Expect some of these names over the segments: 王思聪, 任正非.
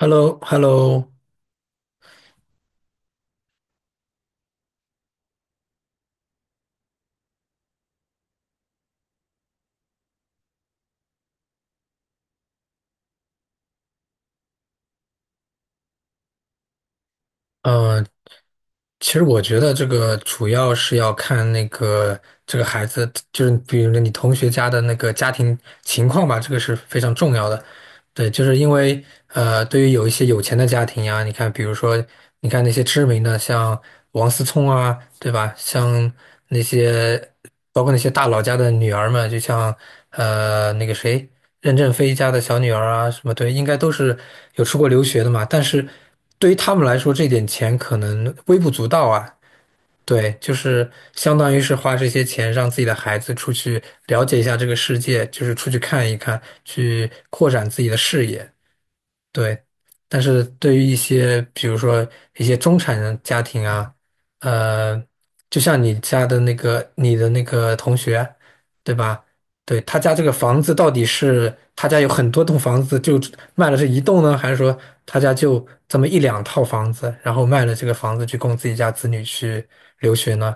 Hello,Hello,嗯，呃其实我觉得这个主要是要看那个这个孩子，就是比如你同学家的那个家庭情况吧，这个是非常重要的。对，就是因为对于有一些有钱的家庭呀，你看，比如说，你看那些知名的，像王思聪啊，对吧？像那些包括那些大佬家的女儿们，就像那个谁，任正非家的小女儿啊，什么对，应该都是有出国留学的嘛。但是对于他们来说，这点钱可能微不足道啊。对，就是相当于是花这些钱让自己的孩子出去了解一下这个世界，就是出去看一看，去扩展自己的视野。对，但是对于一些，比如说一些中产人家庭啊，呃，就像你的那个同学，对吧？对，他家这个房子到底是他家有很多栋房子，就卖了这一栋呢，还是说他家就这么一两套房子，然后卖了这个房子去供自己家子女去留学呢？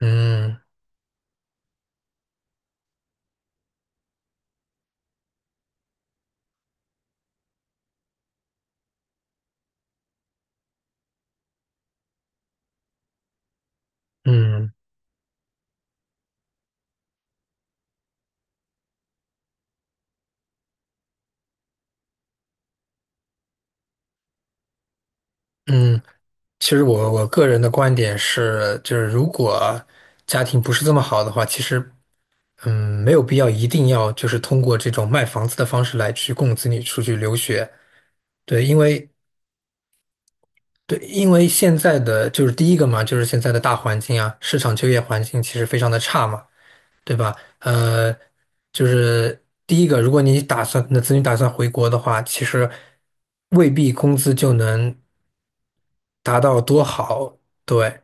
嗯嗯嗯。其实我个人的观点是，就是如果家庭不是这么好的话，其实没有必要一定要就是通过这种卖房子的方式来去供子女出去留学。对，因为对，因为现在的就是第一个嘛，就是现在的大环境啊，市场就业环境其实非常的差嘛，对吧？就是第一个，如果你打算子女打算回国的话，其实未必工资就能达到多好，对。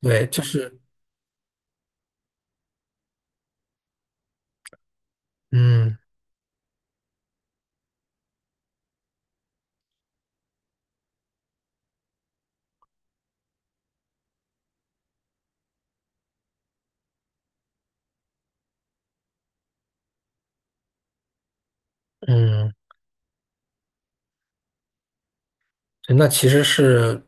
对，就是，嗯嗯，那其实是，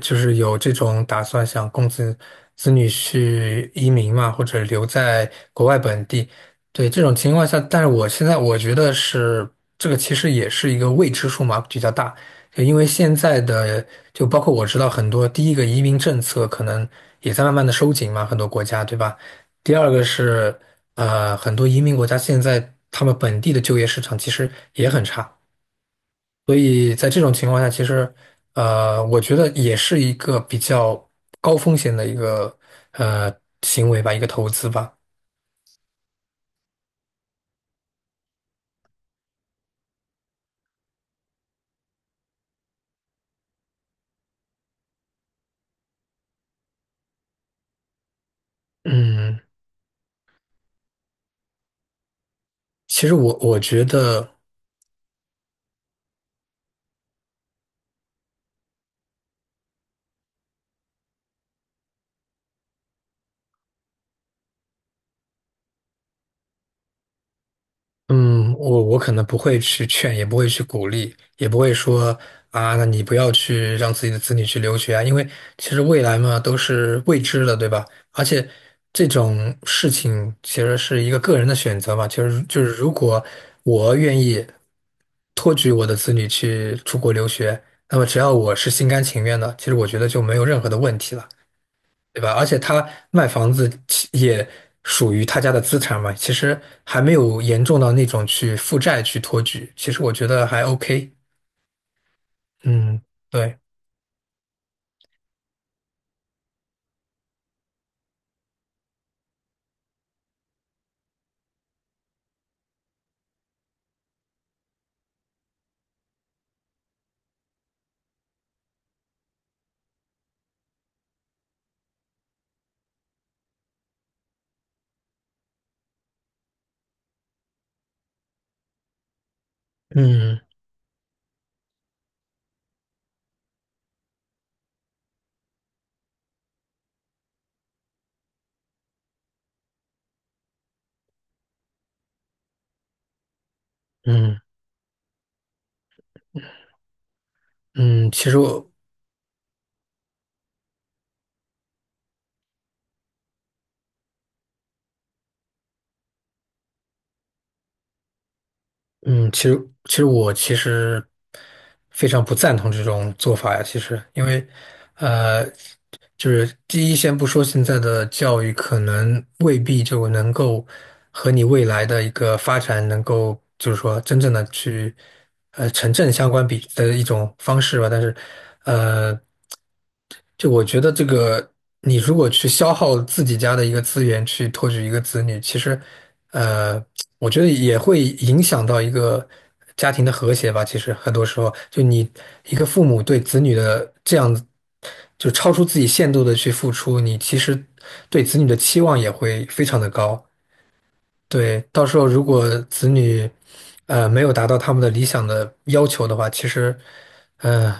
就是有这种打算，想供子女去移民嘛，或者留在国外本地。对，这种情况下，但是我现在我觉得是这个，其实也是一个未知数嘛，比较大。就因为现在的，就包括我知道很多，第一个移民政策可能也在慢慢的收紧嘛，很多国家，对吧？第二个是，很多移民国家现在他们本地的就业市场其实也很差。所以在这种情况下，其实，我觉得也是一个比较高风险的一个呃行为吧，一个投资吧。嗯，其实我觉得。嗯，我可能不会去劝，也不会去鼓励，也不会说啊，那你不要去让自己的子女去留学啊，因为其实未来嘛都是未知的，对吧？而且这种事情其实是一个个人的选择嘛，其实就是如果我愿意托举我的子女去出国留学，那么只要我是心甘情愿的，其实我觉得就没有任何的问题了。对吧？而且他卖房子其也属于他家的资产嘛，其实还没有严重到那种去负债去托举，其实我觉得还 OK。嗯，对，嗯嗯嗯，其实我嗯，其实其实其实非常不赞同这种做法呀。其实，因为呃，就是第一，先不说现在的教育可能未必就能够和你未来的一个发展能够，就是说真正的去成正相关比的一种方式吧。但是，呃。就我觉得这个，你如果去消耗自己家的一个资源去托举一个子女，其实，呃，我觉得也会影响到一个家庭的和谐吧。其实很多时候，就你一个父母对子女的这样子，就超出自己限度的去付出，你其实对子女的期望也会非常的高。对，到时候如果子女，没有达到他们的理想的要求的话，其实呃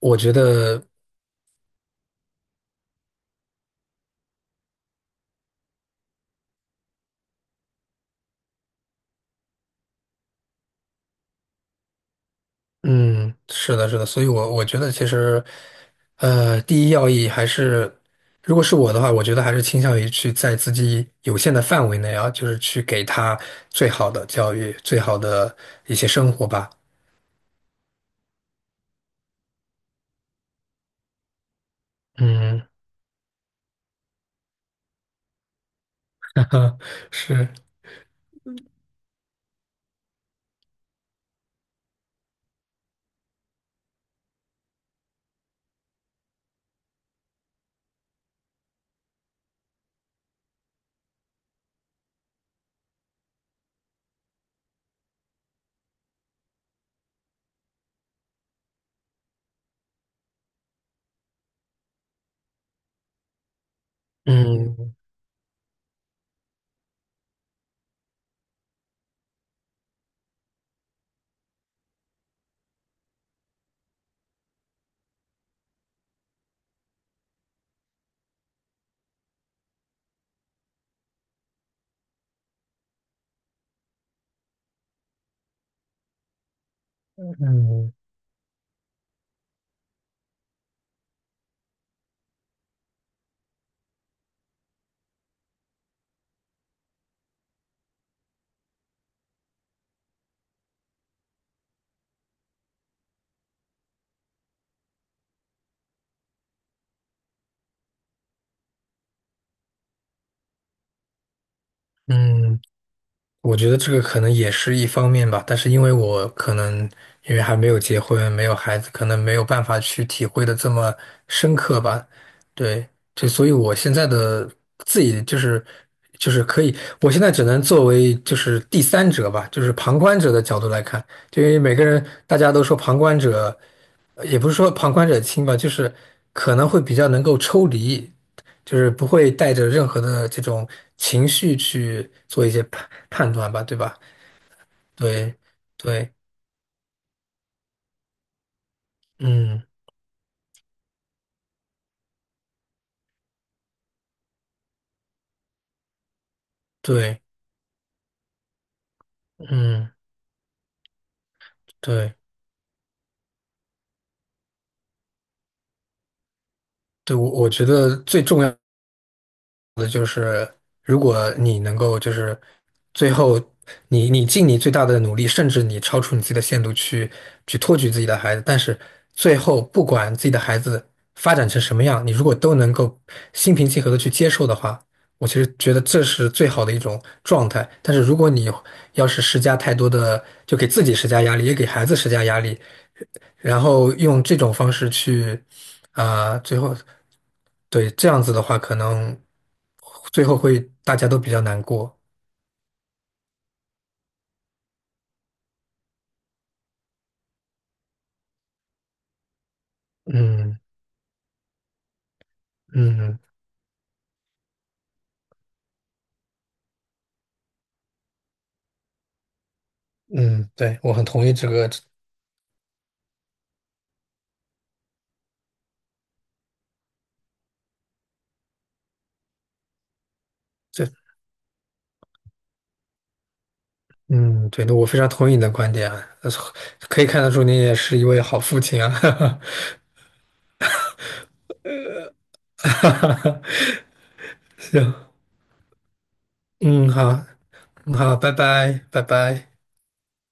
我觉得。嗯，是的，是的，所以我觉得其实，第一要义还是，如果是我的话，我觉得还是倾向于去在自己有限的范围内啊，就是去给他最好的教育，最好的一些生活吧。嗯，是，嗯嗯嗯。嗯嗯。我觉得这个可能也是一方面吧，但是因为我可能因为还没有结婚，没有孩子，可能没有办法去体会的这么深刻吧。对，就所以我现在的自己就是就是可以，我现在只能作为就是第三者吧，就是旁观者的角度来看，就因为每个人大家都说旁观者，也不是说旁观者清吧，就是可能会比较能够抽离。就是不会带着任何的这种情绪去做一些判断吧，对吧？对，对，嗯，对，嗯，对，对，我觉得最重要。如果你能够就是最后你尽你最大的努力，甚至你超出你自己的限度去托举自己的孩子，但是最后不管自己的孩子发展成什么样，你如果都能够心平气和的去接受的话，我其实觉得这是最好的一种状态。但是如果你要是施加太多的，就给自己施加压力，也给孩子施加压力，然后用这种方式去啊、最后对这样子的话，可能最后会大家都比较难过。嗯嗯嗯，对，我很同意这个这嗯，对那我非常同意你的观点啊，呃可以看得出你也是一位好父亲啊，哈哈哈，行，嗯，好，嗯好，拜拜，拜拜。